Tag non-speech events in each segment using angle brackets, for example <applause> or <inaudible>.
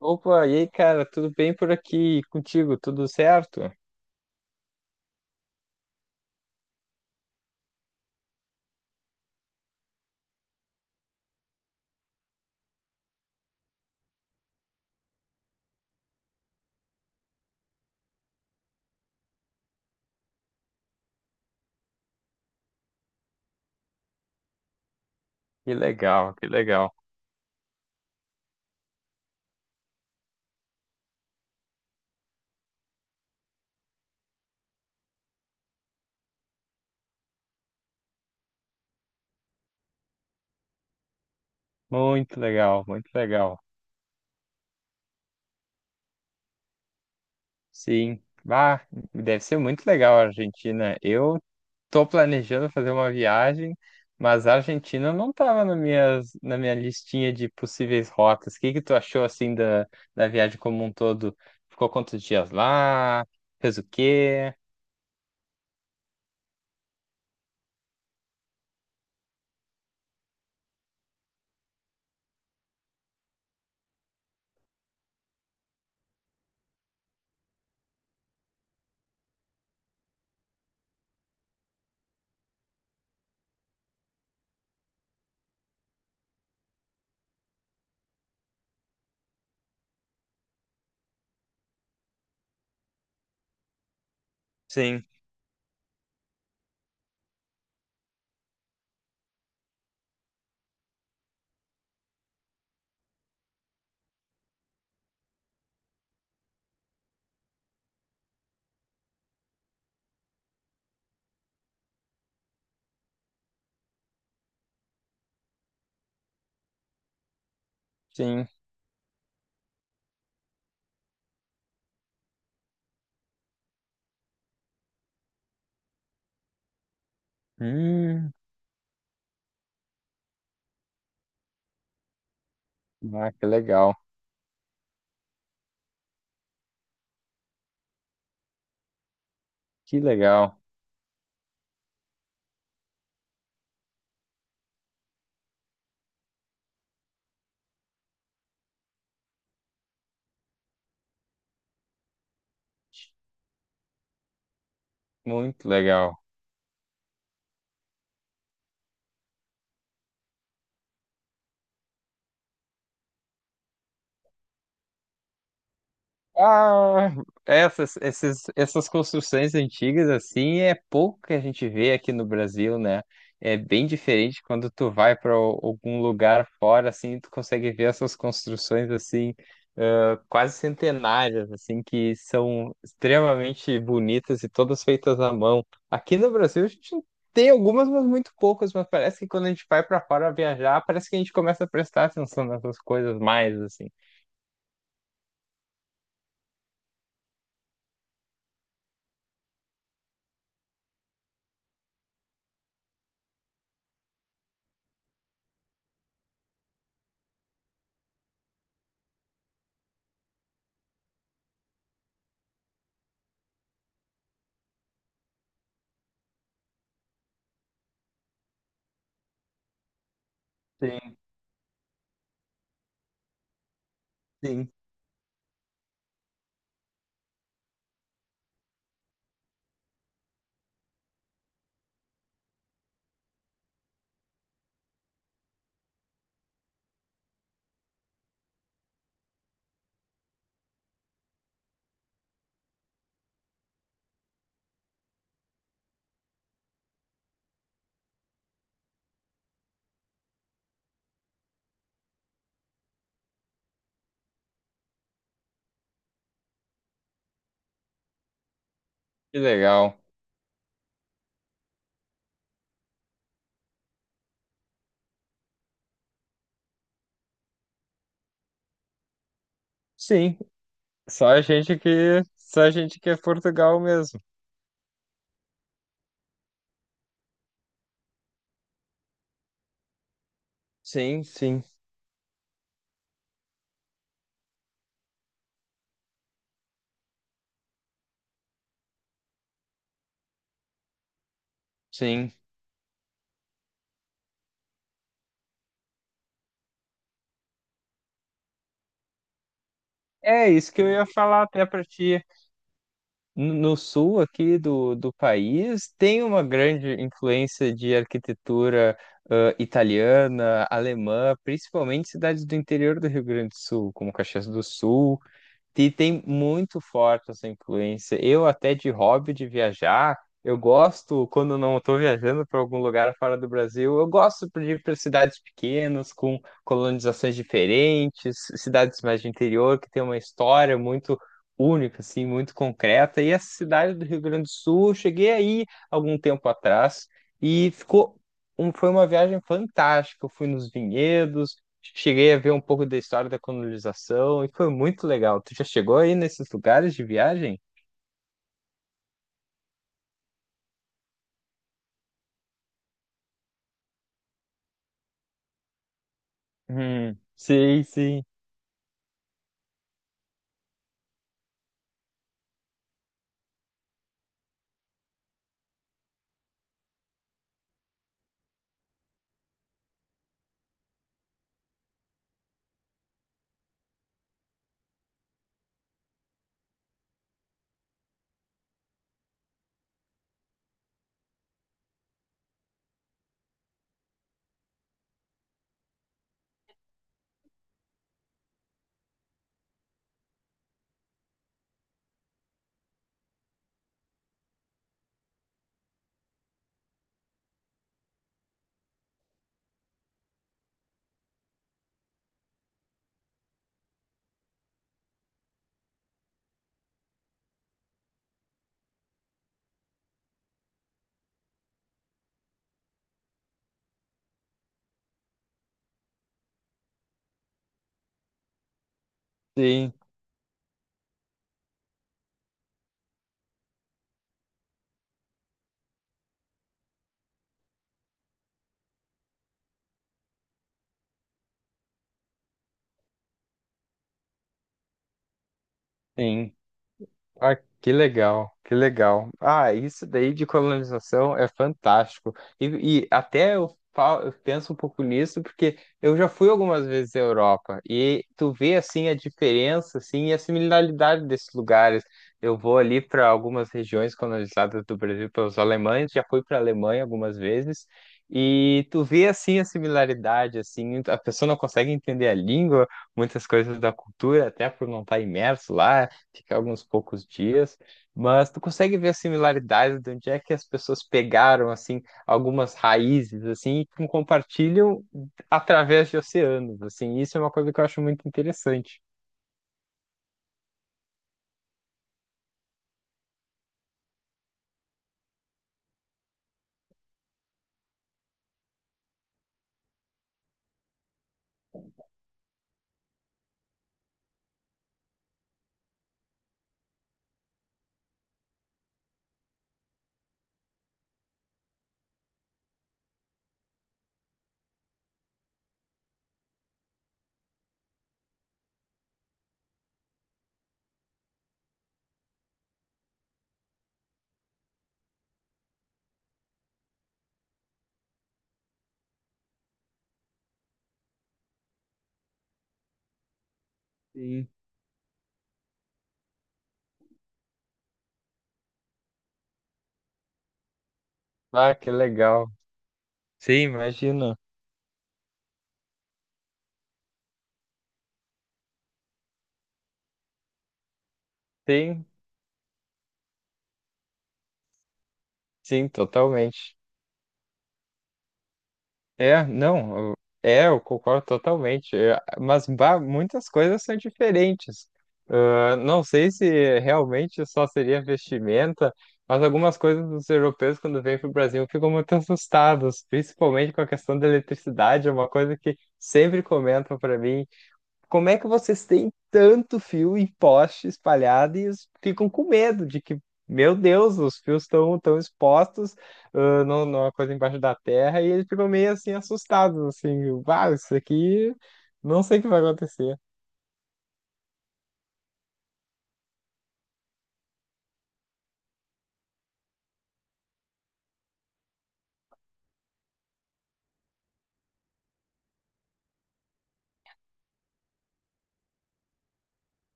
Opa, e aí, cara, tudo bem por aqui. E contigo? Tudo certo? Que legal, que legal. Muito legal, muito legal. Sim. Bah, deve ser muito legal a Argentina. Eu tô planejando fazer uma viagem, mas a Argentina não tava na minha listinha de possíveis rotas. O que que tu achou, assim, da viagem como um todo? Ficou quantos dias lá? Fez o quê? Sim, sim. Hum. Ah, que legal, muito legal. Ah, essas construções antigas, assim, é pouco que a gente vê aqui no Brasil, né? É bem diferente quando tu vai para algum lugar fora, assim, tu consegue ver essas construções, assim, ah, quase centenárias, assim, que são extremamente bonitas e todas feitas à mão. Aqui no Brasil, a gente tem algumas, mas muito poucas, mas parece que quando a gente vai para fora viajar, parece que a gente começa a prestar atenção nessas coisas mais, assim. Sim, sim. Que legal. Sim, só a gente que, só a gente que é Portugal mesmo. Sim, sim, sim. É isso que eu ia falar até para ti. No sul aqui do país tem uma grande influência de arquitetura italiana, alemã, principalmente cidades do interior do Rio Grande do Sul, como Caxias do Sul. E tem muito forte essa influência. Eu até de hobby de viajar, eu gosto quando eu não estou viajando para algum lugar fora do Brasil, eu gosto de ir para cidades pequenas com colonizações diferentes, cidades mais de interior que tem uma história muito única, assim, muito concreta. E essa cidade do Rio Grande do Sul, eu cheguei aí algum tempo atrás e foi uma viagem fantástica. Eu fui nos vinhedos, cheguei a ver um pouco da história da colonização e foi muito legal. Tu já chegou aí nesses lugares de viagem? Hum. Sim, sim, sim, sim. Ah, que legal, que legal. Ah, isso daí de colonização é fantástico. E até eu, falo, eu penso um pouco nisso, porque eu já fui algumas vezes à Europa e tu vê assim a diferença assim, e a similaridade desses lugares. Eu vou ali para algumas regiões colonizadas do Brasil pelos alemães, já fui para a Alemanha algumas vezes. E tu vê assim a similaridade, assim, a pessoa não consegue entender a língua, muitas coisas da cultura, até por não estar imerso lá, ficar alguns poucos dias, mas tu consegue ver as similaridades de onde é que as pessoas pegaram assim algumas raízes assim e compartilham através de oceanos, assim. Isso é uma coisa que eu acho muito interessante. Sim. Ah, que legal. Sim, imagina. Sim, sim, totalmente. É, não, eu- é, eu concordo totalmente. Mas bah, muitas coisas são diferentes. Ah, não sei se realmente só seria vestimenta, mas algumas coisas dos europeus, quando vêm para o Brasil, ficam muito <laughs> assustados, principalmente com a questão da eletricidade. É uma coisa que sempre comentam para mim. Como é que vocês têm tanto fio e poste espalhado e ficam com medo de que, meu Deus, os fios estão tão expostos, ah, numa coisa embaixo da terra, e eles ficam meio assim assustados, assim, uau, isso aqui não sei o que vai acontecer.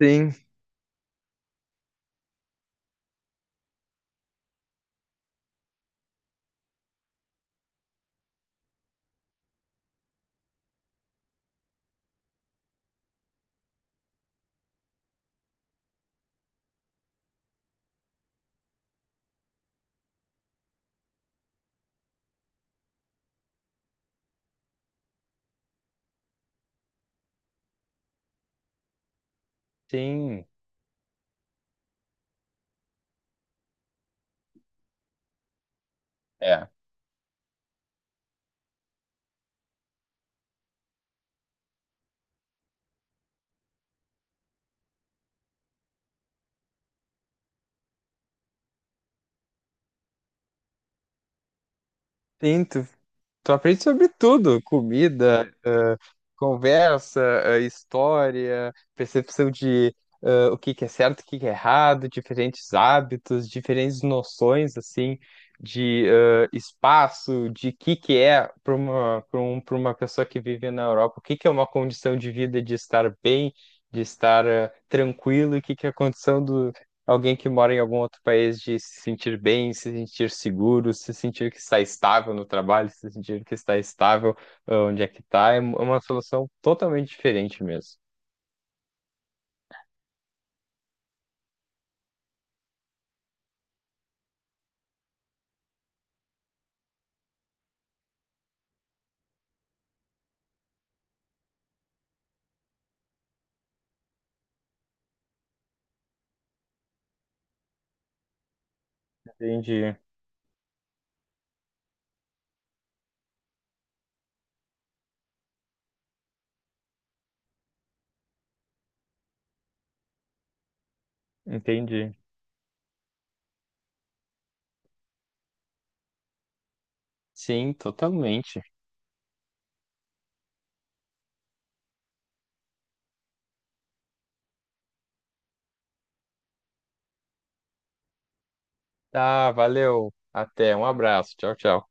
Sim, sim. É. Sim. Tu aprende sobre tudo, comida, conversa, história, percepção de o que que é certo, o que que é errado, diferentes hábitos, diferentes noções assim de espaço, de que é para uma para uma pessoa que vive na Europa, o que que é uma condição de vida de estar bem, de estar tranquilo, e o que que é a condição do alguém que mora em algum outro país de se sentir bem, se sentir seguro, se sentir que está estável no trabalho, se sentir que está estável, ah, onde é que está, é uma solução totalmente diferente mesmo. Entendi, entendi. Sim, totalmente. Tá, valeu. Até, um abraço. Tchau, tchau.